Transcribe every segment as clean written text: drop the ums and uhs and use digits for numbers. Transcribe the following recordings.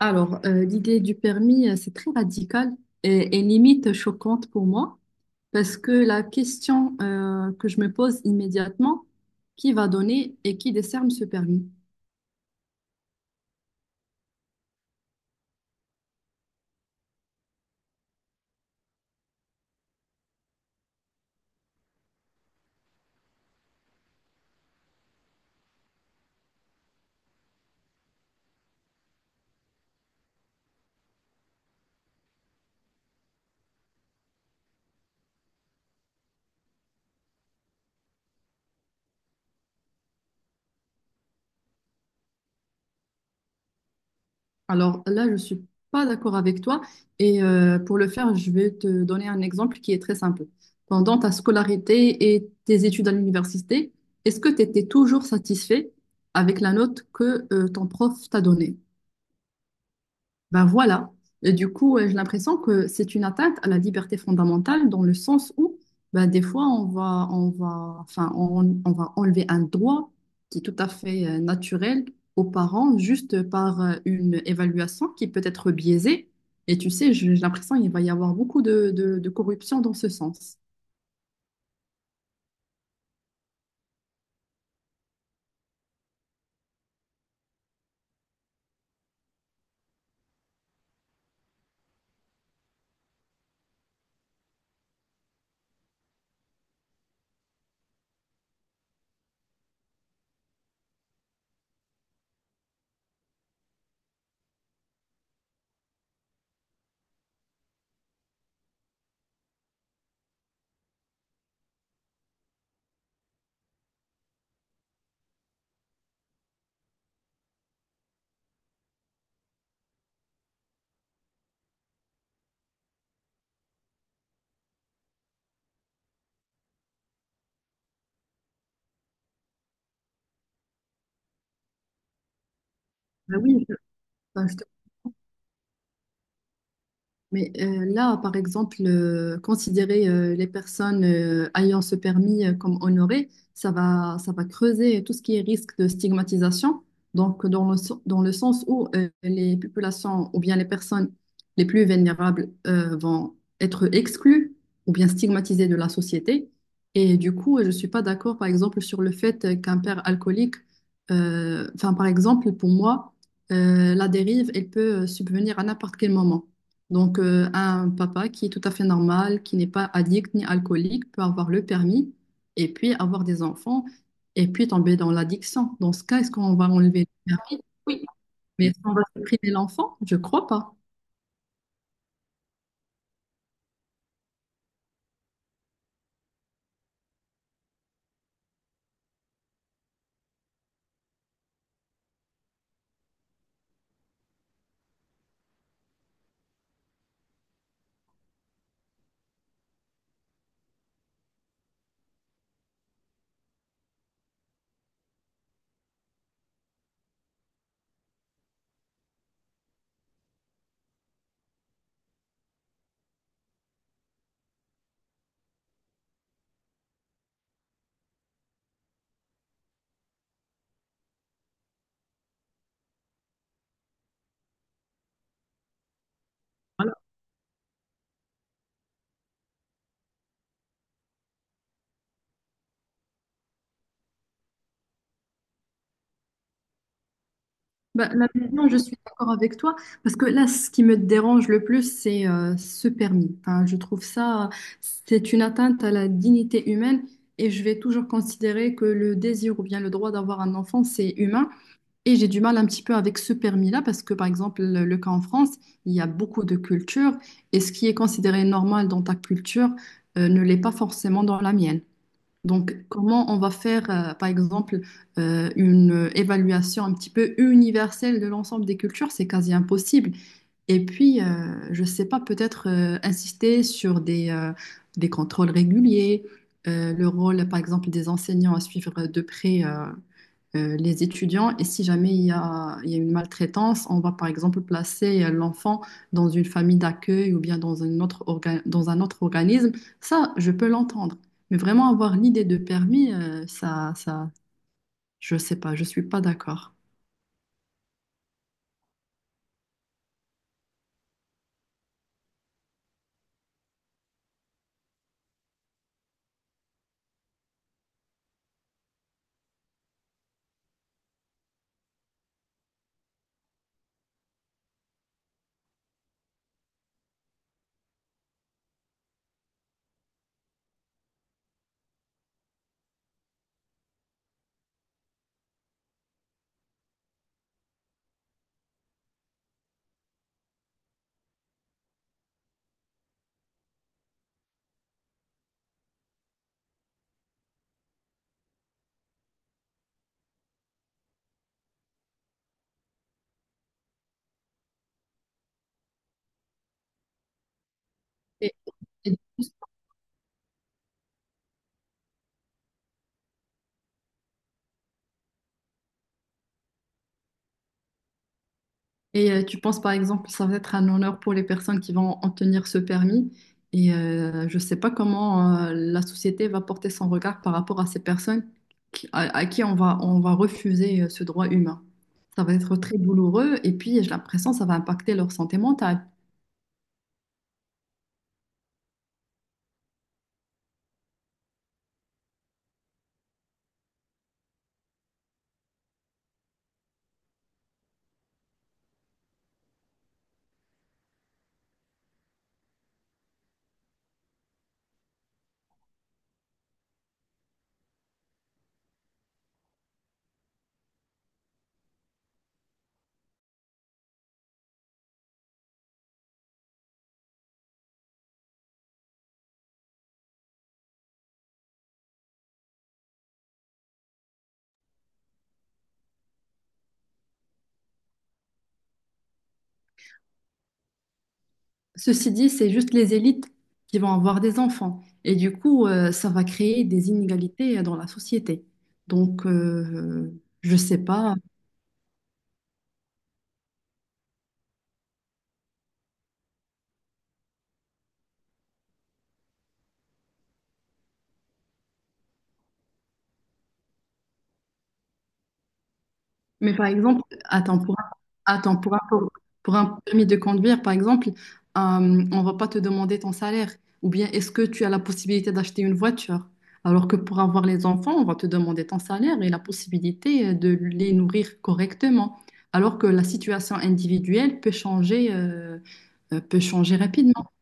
Alors, l'idée du permis, c'est très radical et limite choquante pour moi parce que la question que je me pose immédiatement, qui va donner et qui décerne ce permis? Alors là, je suis pas d'accord avec toi et pour le faire, je vais te donner un exemple qui est très simple. Pendant ta scolarité et tes études à l'université, est-ce que tu étais toujours satisfait avec la note que ton prof t'a donnée? Ben voilà. Et du coup, j'ai l'impression que c'est une atteinte à la liberté fondamentale dans le sens où, ben, des fois, enfin, on va enlever un droit qui est tout à fait naturel aux parents juste par une évaluation qui peut être biaisée. Et tu sais, j'ai l'impression qu'il va y avoir beaucoup de corruption dans ce sens. Ben oui, je ben, je te mais là, par exemple, considérer les personnes ayant ce permis comme honorées, ça va creuser tout ce qui est risque de stigmatisation. Donc, dans le sens où les populations ou bien les personnes les plus vulnérables vont être exclues ou bien stigmatisées de la société. Et du coup, je ne suis pas d'accord, par exemple, sur le fait qu'un père alcoolique, enfin, par exemple, pour moi, la dérive, elle peut subvenir à n'importe quel moment. Donc, un papa qui est tout à fait normal, qui n'est pas addict ni alcoolique, peut avoir le permis et puis avoir des enfants et puis tomber dans l'addiction. Dans ce cas, est-ce qu'on va enlever le permis? Oui. Mais est-ce qu'on va supprimer l'enfant? Je crois pas. Bah là, maintenant, je suis d'accord avec toi parce que là, ce qui me dérange le plus, c'est ce permis. Enfin, je trouve ça, c'est une atteinte à la dignité humaine et je vais toujours considérer que le désir ou bien le droit d'avoir un enfant, c'est humain. Et j'ai du mal un petit peu avec ce permis-là parce que, par exemple, le cas en France, il y a beaucoup de cultures et ce qui est considéré normal dans ta culture ne l'est pas forcément dans la mienne. Donc, comment on va faire, par exemple, une évaluation un petit peu universelle de l'ensemble des cultures? C'est quasi impossible. Et puis, je ne sais pas, peut-être insister sur des contrôles réguliers, le rôle, par exemple, des enseignants à suivre de près. Les étudiants. Et si jamais il y a une maltraitance, on va par exemple placer l'enfant dans une famille d'accueil ou bien dans un autre organisme. Ça, je peux l'entendre. Mais vraiment avoir l'idée de permis, je sais pas, je suis pas d'accord. Et- et Et tu penses par exemple que ça va être un honneur pour les personnes qui vont obtenir ce permis. Et je ne sais pas comment la société va porter son regard par rapport à ces personnes à qui on va refuser ce droit humain. Ça va être très douloureux et puis j'ai l'impression que ça va impacter leur santé mentale. Ceci dit, c'est juste les élites qui vont avoir des enfants. Et du coup, ça va créer des inégalités dans la société. Donc, je ne sais pas. Mais par exemple, attends, pour un permis de conduire, par exemple, on va pas te demander ton salaire. Ou bien est-ce que tu as la possibilité d'acheter une voiture? Alors que pour avoir les enfants, on va te demander ton salaire et la possibilité de les nourrir correctement. Alors que la situation individuelle peut changer rapidement.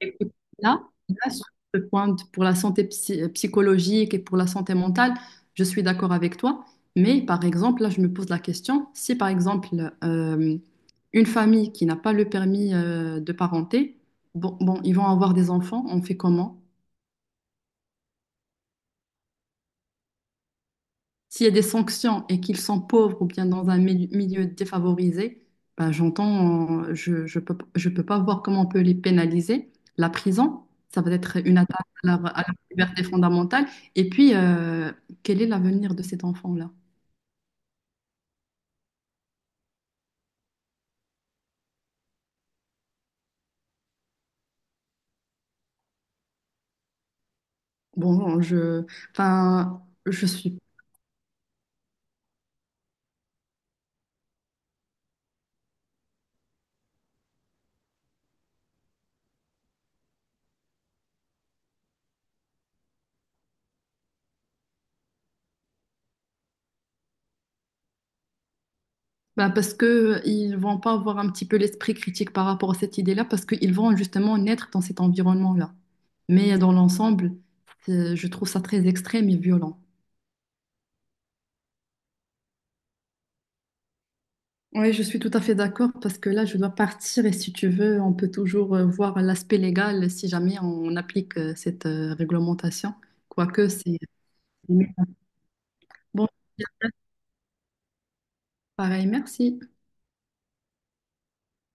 Écoute, là, là, sur pour la santé psychologique et pour la santé mentale, je suis d'accord avec toi. Mais par exemple, là, je me pose la question, si par exemple, euh, une famille qui n'a pas le permis de parenté, bon, ils vont avoir des enfants, on fait comment? S'il y a des sanctions et qu'ils sont pauvres ou bien dans un milieu défavorisé, ben, j'entends, je peux pas voir comment on peut les pénaliser. La prison, ça va être une attaque à leur liberté fondamentale. Et puis, quel est l'avenir de cet enfant-là? Bon, enfin, je suis. Ben, parce que ils vont pas avoir un petit peu l'esprit critique par rapport à cette idée-là, parce qu'ils vont justement naître dans cet environnement-là. Mais dans l'ensemble, je trouve ça très extrême et violent. Oui, je suis tout à fait d'accord parce que là, je dois partir et si tu veux, on peut toujours voir l'aspect légal si jamais on applique cette réglementation. Quoique, c'est... Bon, pareil, merci.